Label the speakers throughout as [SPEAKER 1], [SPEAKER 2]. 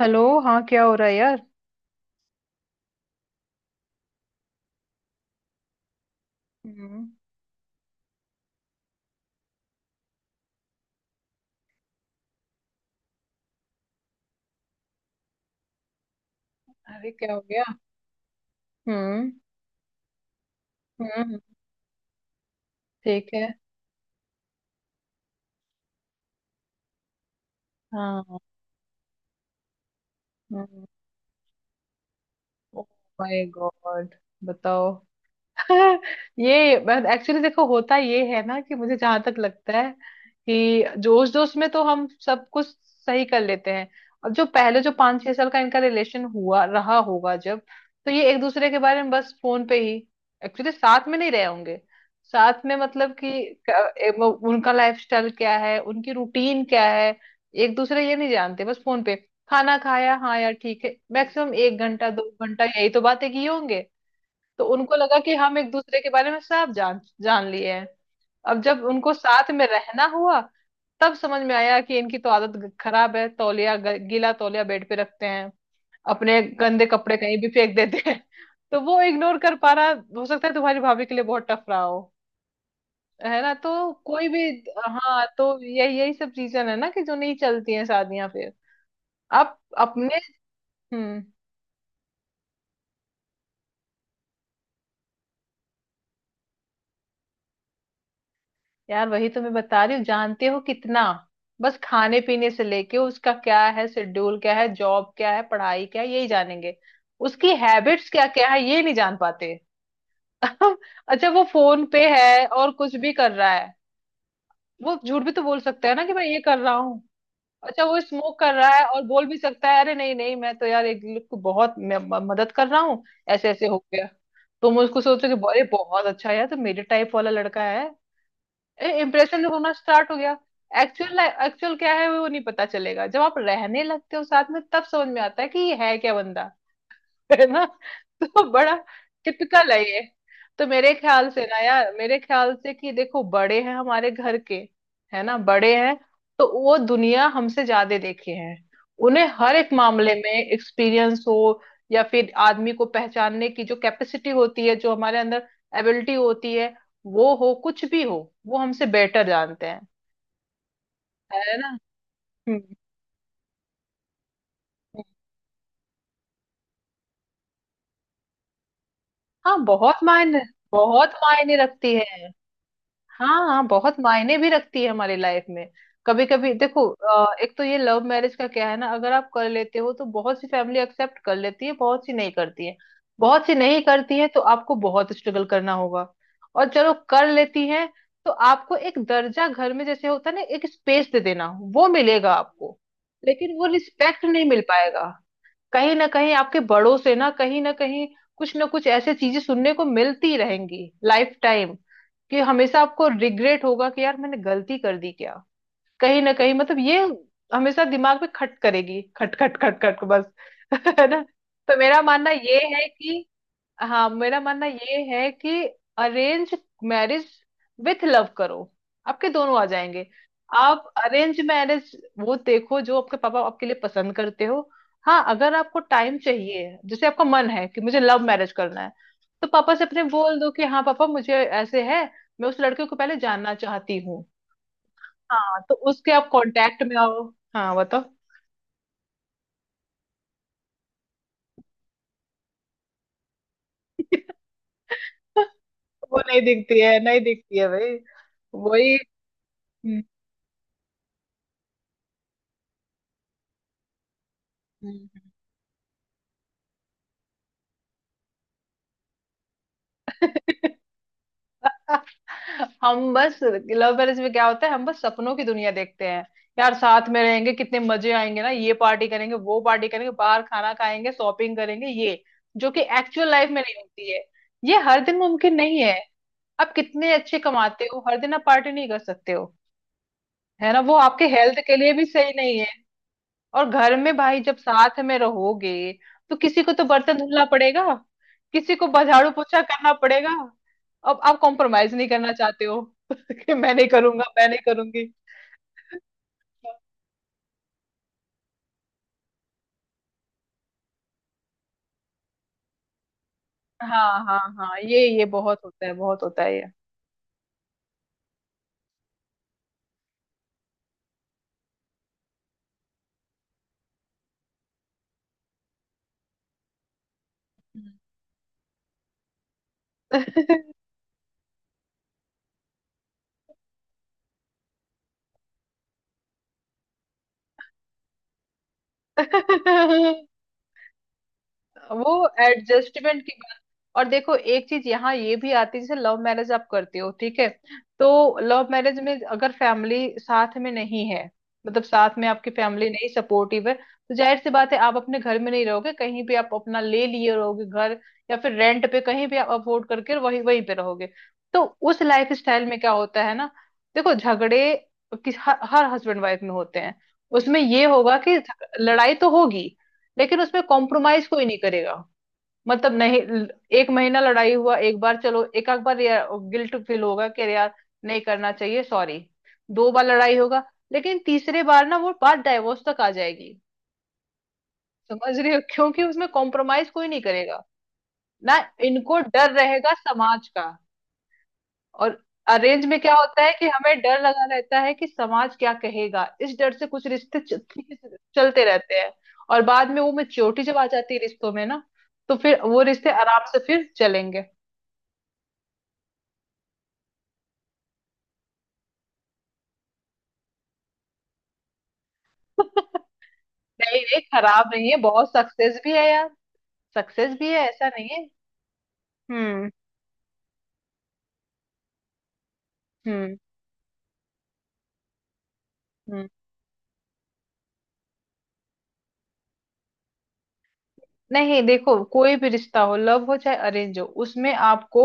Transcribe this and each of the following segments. [SPEAKER 1] Hello. हाँ, क्या हो रहा है यार? हम्म। अरे क्या हो गया? हम्म। हम्म। ठीक है। हाँ। हम्म। Oh my god! बताओ। हाँ, ये एक्चुअली देखो होता ये है ना कि मुझे जहां तक लगता है कि जोश जोश में तो हम सब कुछ सही कर लेते हैं। और जो पहले जो 5 6 साल का इनका रिलेशन हुआ रहा होगा जब, तो ये एक दूसरे के बारे में बस फोन पे ही एक्चुअली साथ में नहीं रहे होंगे। साथ में मतलब कि उनका लाइफस्टाइल क्या है, उनकी रूटीन क्या है, एक दूसरे ये नहीं जानते। बस फोन पे खाना खाया, हाँ यार ठीक है, मैक्सिमम 1 घंटा 2 घंटा, यही तो बातें किए होंगे। तो उनको लगा कि हम एक दूसरे के बारे में सब जान जान लिए हैं। अब जब उनको साथ में रहना हुआ तब समझ में आया कि इनकी तो आदत खराब है। तौलिया, गीला तौलिया बेड पे रखते हैं, अपने गंदे कपड़े कहीं भी फेंक देते हैं। तो वो इग्नोर कर पा रहा। हो सकता है तुम्हारी भाभी के लिए बहुत टफ रहा हो। है ना? तो कोई भी। हाँ, तो यही यही सब चीजें है ना कि जो नहीं चलती हैं शादियां फिर। आप अपने। हम्म। यार, वही तो मैं बता रही हूँ। जानते हो कितना? बस खाने पीने से लेके उसका क्या है, शेड्यूल क्या है, जॉब क्या है, पढ़ाई क्या है, यही जानेंगे। उसकी हैबिट्स क्या क्या है ये नहीं जान पाते। अच्छा वो फोन पे है और कुछ भी कर रहा है। वो झूठ भी तो बोल सकता है ना कि मैं ये कर रहा हूँ। अच्छा वो स्मोक कर रहा है और बोल भी सकता है अरे नहीं नहीं मैं तो यार एक लोग को बहुत, मैं मदद कर रहा हूँ। ऐसे ऐसे हो गया। तुम उसको सोचो कि अरे बहुत अच्छा है यार, तो मेरे टाइप वाला लड़का है। इम्प्रेशन होना स्टार्ट हो गया। एक्चुअल एक्चुअल क्या है वो नहीं पता चलेगा। जब आप रहने लगते हो साथ में तब समझ में आता है कि ये है क्या बंदा। है ना? तो बड़ा टिपिकल है ये। तो मेरे ख्याल से ना यार, मेरे ख्याल से कि देखो, बड़े हैं हमारे घर के। है ना? बड़े हैं। तो वो दुनिया हमसे ज्यादा देखे हैं। उन्हें हर एक मामले में एक्सपीरियंस हो, या फिर आदमी को पहचानने की जो कैपेसिटी होती है जो हमारे अंदर एबिलिटी होती है, वो हो कुछ भी हो, वो हमसे बेटर जानते हैं। है ना? हम्म। हम्म। हाँ, बहुत मायने, बहुत मायने रखती है। हाँ हाँ, बहुत मायने भी रखती है हमारी लाइफ में। कभी कभी देखो, एक तो ये लव मैरिज का क्या है ना, अगर आप कर लेते हो तो बहुत सी फैमिली एक्सेप्ट कर लेती है, बहुत सी नहीं करती है। बहुत सी नहीं करती है तो आपको बहुत स्ट्रगल करना होगा। और चलो, कर लेती है, तो आपको एक दर्जा घर में जैसे होता है ना, एक स्पेस दे देना, वो मिलेगा आपको। लेकिन वो रिस्पेक्ट नहीं मिल पाएगा। कहीं ना कहीं आपके बड़ों से ना, कहीं ना कहीं कुछ ना कुछ ऐसे चीजें सुनने को मिलती रहेंगी लाइफ टाइम, कि हमेशा आपको रिग्रेट होगा कि यार मैंने गलती कर दी क्या। कहीं ना कहीं मतलब, ये हमेशा दिमाग में खट करेगी, खट खट खट खट बस। है ना? तो मेरा मानना ये है कि, हाँ, मेरा मानना ये है कि अरेंज मैरिज विथ लव करो, आपके दोनों आ जाएंगे। आप अरेंज मैरिज, वो देखो जो आपके पापा आपके लिए पसंद करते हो। हाँ, अगर आपको टाइम चाहिए, जैसे आपका मन है कि मुझे लव मैरिज करना है, तो पापा से अपने बोल दो कि हाँ पापा मुझे ऐसे है, मैं उस लड़के को पहले जानना चाहती हूँ। हाँ, तो उसके आप कांटेक्ट में आओ। हाँ, बताओ। वो नहीं दिखती है, नहीं दिखती है भाई। वही। हम्म। हम्म। हम बस लव मैरिज में क्या होता है, हम बस सपनों की दुनिया देखते हैं। यार साथ में रहेंगे, कितने मजे आएंगे ना, ये पार्टी करेंगे, वो पार्टी करेंगे, बाहर खाना खाएंगे, शॉपिंग करेंगे, ये, जो कि एक्चुअल लाइफ में नहीं होती है। ये हर दिन मुमकिन नहीं है। आप कितने अच्छे कमाते हो, हर दिन आप पार्टी नहीं कर सकते हो। है ना? वो आपके हेल्थ के लिए भी सही नहीं। और घर में भाई जब साथ में रहोगे तो किसी को तो बर्तन धुलना पड़ेगा, किसी को झाड़ू पोछा करना पड़ेगा। अब आप कॉम्प्रोमाइज नहीं करना चाहते हो कि मैं नहीं करूंगा, मैं नहीं करूंगी। हाँ हाँ हाँ, ये बहुत होता है, बहुत होता है। ये। वो एडजस्टमेंट की बात। और देखो, एक चीज यहाँ ये भी आती है, जैसे लव मैरिज आप करते हो, ठीक है, तो लव मैरिज में अगर फैमिली साथ में नहीं है, मतलब साथ में आपकी फैमिली नहीं सपोर्टिव है, तो जाहिर सी बात है आप अपने घर में नहीं रहोगे, कहीं भी आप अपना ले लिए रहोगे घर, या फिर रेंट पे कहीं भी आप अफोर्ड करके वही वहीं पे रहोगे। तो उस लाइफ स्टाइल में क्या होता है ना, देखो झगड़े हर हस्बैंड वाइफ में होते हैं। उसमें ये होगा कि लड़ाई तो होगी, लेकिन उसमें कॉम्प्रोमाइज कोई नहीं करेगा। मतलब नहीं। 1 महीना लड़ाई हुआ एक बार, चलो, एक आध बार गिल्ट फील होगा कि अरे यार, नहीं करना चाहिए, सॉरी। 2 बार लड़ाई होगा, लेकिन तीसरे बार ना वो बात डाइवोर्स तक आ जाएगी। समझ रहे हो? क्योंकि उसमें कॉम्प्रोमाइज कोई नहीं करेगा ना। इनको डर रहेगा समाज का। और अरेंज में क्या होता है कि हमें डर लगा रहता है कि समाज क्या कहेगा, इस डर से कुछ रिश्ते ठीक से चलते रहते हैं। और बाद में वो मेच्योरिटी जब आ जाती है रिश्तों में ना, तो फिर वो रिश्ते आराम से फिर चलेंगे। नहीं नहीं, खराब नहीं है, बहुत सक्सेस भी है यार। सक्सेस भी है, ऐसा नहीं है। हम्म। हम्म। हम्म। नहीं देखो, कोई भी रिश्ता हो, लव हो चाहे अरेंज हो, उसमें आपको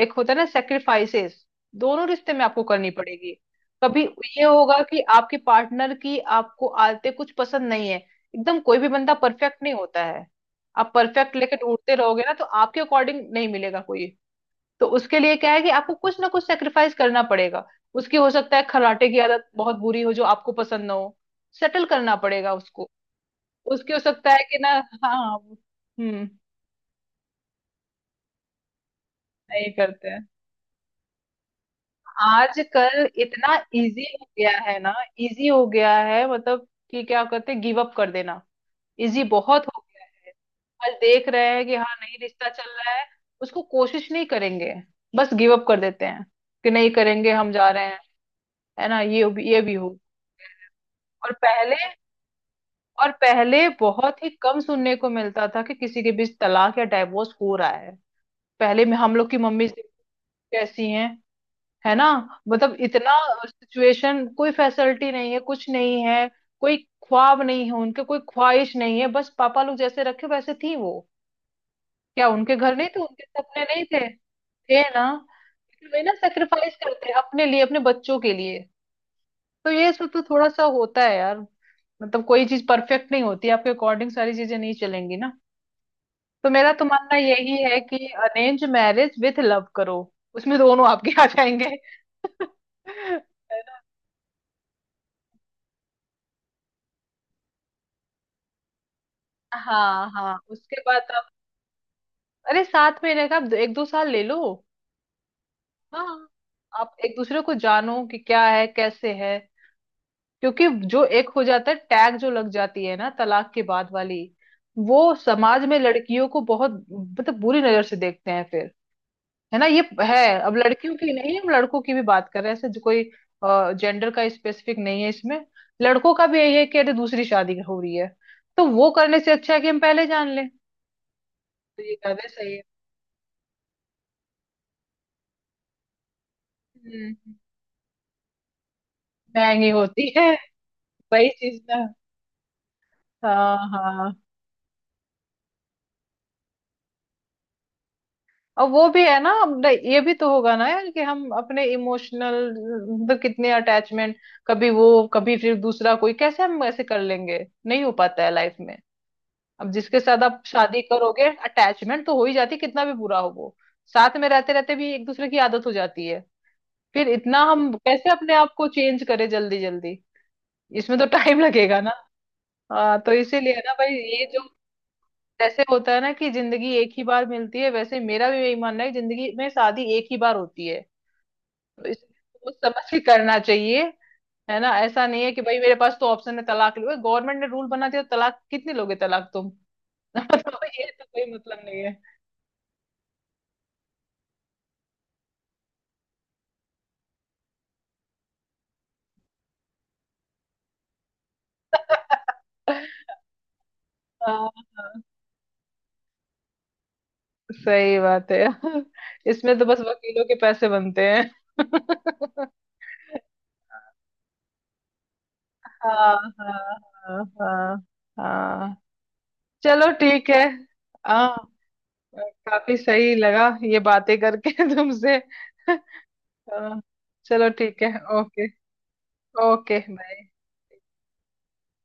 [SPEAKER 1] एक होता है ना सेक्रीफाइसेस, दोनों रिश्ते में आपको करनी पड़ेगी। कभी ये होगा कि आपके पार्टनर की आपको आदतें कुछ पसंद नहीं है, एकदम कोई भी बंदा परफेक्ट नहीं होता है। आप परफेक्ट लेके ढूंढते रहोगे ना तो आपके अकॉर्डिंग नहीं मिलेगा कोई। तो उसके लिए क्या है कि आपको कुछ ना कुछ सेक्रीफाइस करना पड़ेगा। उसकी हो सकता है खर्राटे की आदत बहुत बुरी हो जो आपको पसंद ना हो, सेटल करना पड़ेगा उसको। उसकी हो सकता है कि ना। हाँ। हम्म। नहीं करते हैं। आजकल इतना इजी हो गया है ना, इजी हो गया है मतलब कि क्या कहते हैं, गिव अप कर देना, इजी बहुत हो गया है। आज देख रहे हैं कि हाँ नहीं, रिश्ता चल रहा है, उसको कोशिश नहीं करेंगे, बस गिव अप कर देते हैं कि नहीं करेंगे हम, जा रहे हैं। है ना? ये भी, ये भी हो। और पहले और पहले बहुत ही कम सुनने को मिलता था कि किसी के बीच तलाक या डाइवोर्स हो रहा है। पहले में हम लोग की मम्मी से कैसी हैं, है ना? मतलब इतना सिचुएशन, कोई फैसिलिटी नहीं है, कुछ नहीं है। कोई ख्वाब नहीं है उनके, कोई ख्वाहिश नहीं है, बस पापा लोग जैसे रखे वैसे थी वो। क्या उनके घर नहीं थे? उनके सपने नहीं थे? थे ना। लेकिन वे ना सेक्रीफाइस करते हैं अपने लिए, अपने बच्चों के लिए। तो ये सब तो थोड़ा सा होता है यार। मतलब कोई चीज परफेक्ट नहीं होती, आपके अकॉर्डिंग सारी चीजें नहीं चलेंगी ना। तो मेरा तो मानना यही है कि अरेंज मैरिज विथ लव करो, उसमें दोनों आपके आ जाएंगे। हाँ हाँ, उसके बाद अरे साथ में रहकर आप एक दो साल ले लो। हाँ। आप एक दूसरे को जानो कि क्या है कैसे है। क्योंकि जो एक हो जाता है टैग जो लग जाती है ना तलाक के बाद वाली, वो समाज में लड़कियों को बहुत मतलब बुरी नजर से देखते हैं फिर। है ना? ये है। अब लड़कियों की नहीं, हम लड़कों की भी बात कर रहे हैं, ऐसे जो कोई जेंडर का स्पेसिफिक नहीं है इसमें। लड़कों का भी यही है कि अरे दूसरी शादी हो रही है, तो वो करने से अच्छा है कि हम पहले जान लें। तो ये ज्यादा सही है। हम्म। महंगी होती है। वही चीज ना। हाँ हाँ। और वो भी है ना, अब ये भी तो होगा ना यार कि हम अपने इमोशनल, मतलब कितने अटैचमेंट, कभी वो, कभी फिर दूसरा कोई, कैसे हम ऐसे कर लेंगे? नहीं हो पाता है लाइफ में। अब जिसके साथ आप शादी करोगे अटैचमेंट तो हो ही जाती है, कितना भी बुरा हो वो। साथ में रहते रहते भी एक दूसरे की आदत हो जाती है। फिर इतना हम कैसे अपने आप को चेंज करें जल्दी जल्दी? इसमें तो टाइम लगेगा ना। हाँ, तो इसीलिए ना भाई, ये जो जैसे होता है ना कि जिंदगी एक ही बार मिलती है, वैसे मेरा भी यही मानना है कि जिंदगी में शादी एक ही बार होती है, तो इस सोच समझ के करना चाहिए। है ना? ऐसा नहीं है कि भाई मेरे पास तो ऑप्शन है, तलाक लो, गवर्नमेंट ने रूल बना दिया, तलाक कितने लोगे तलाक तुम? मतलब ये तो कोई मतलब नहीं है। हाँ, हाँ, सही बात है। इसमें तो बस वकीलों के पैसे बनते हैं। हाँ हाँ, हाँ हाँ। हाँ। चलो ठीक है। हाँ। काफी सही लगा ये बातें करके तुमसे। अ, चलो ठीक है। ओके। Okay, bye.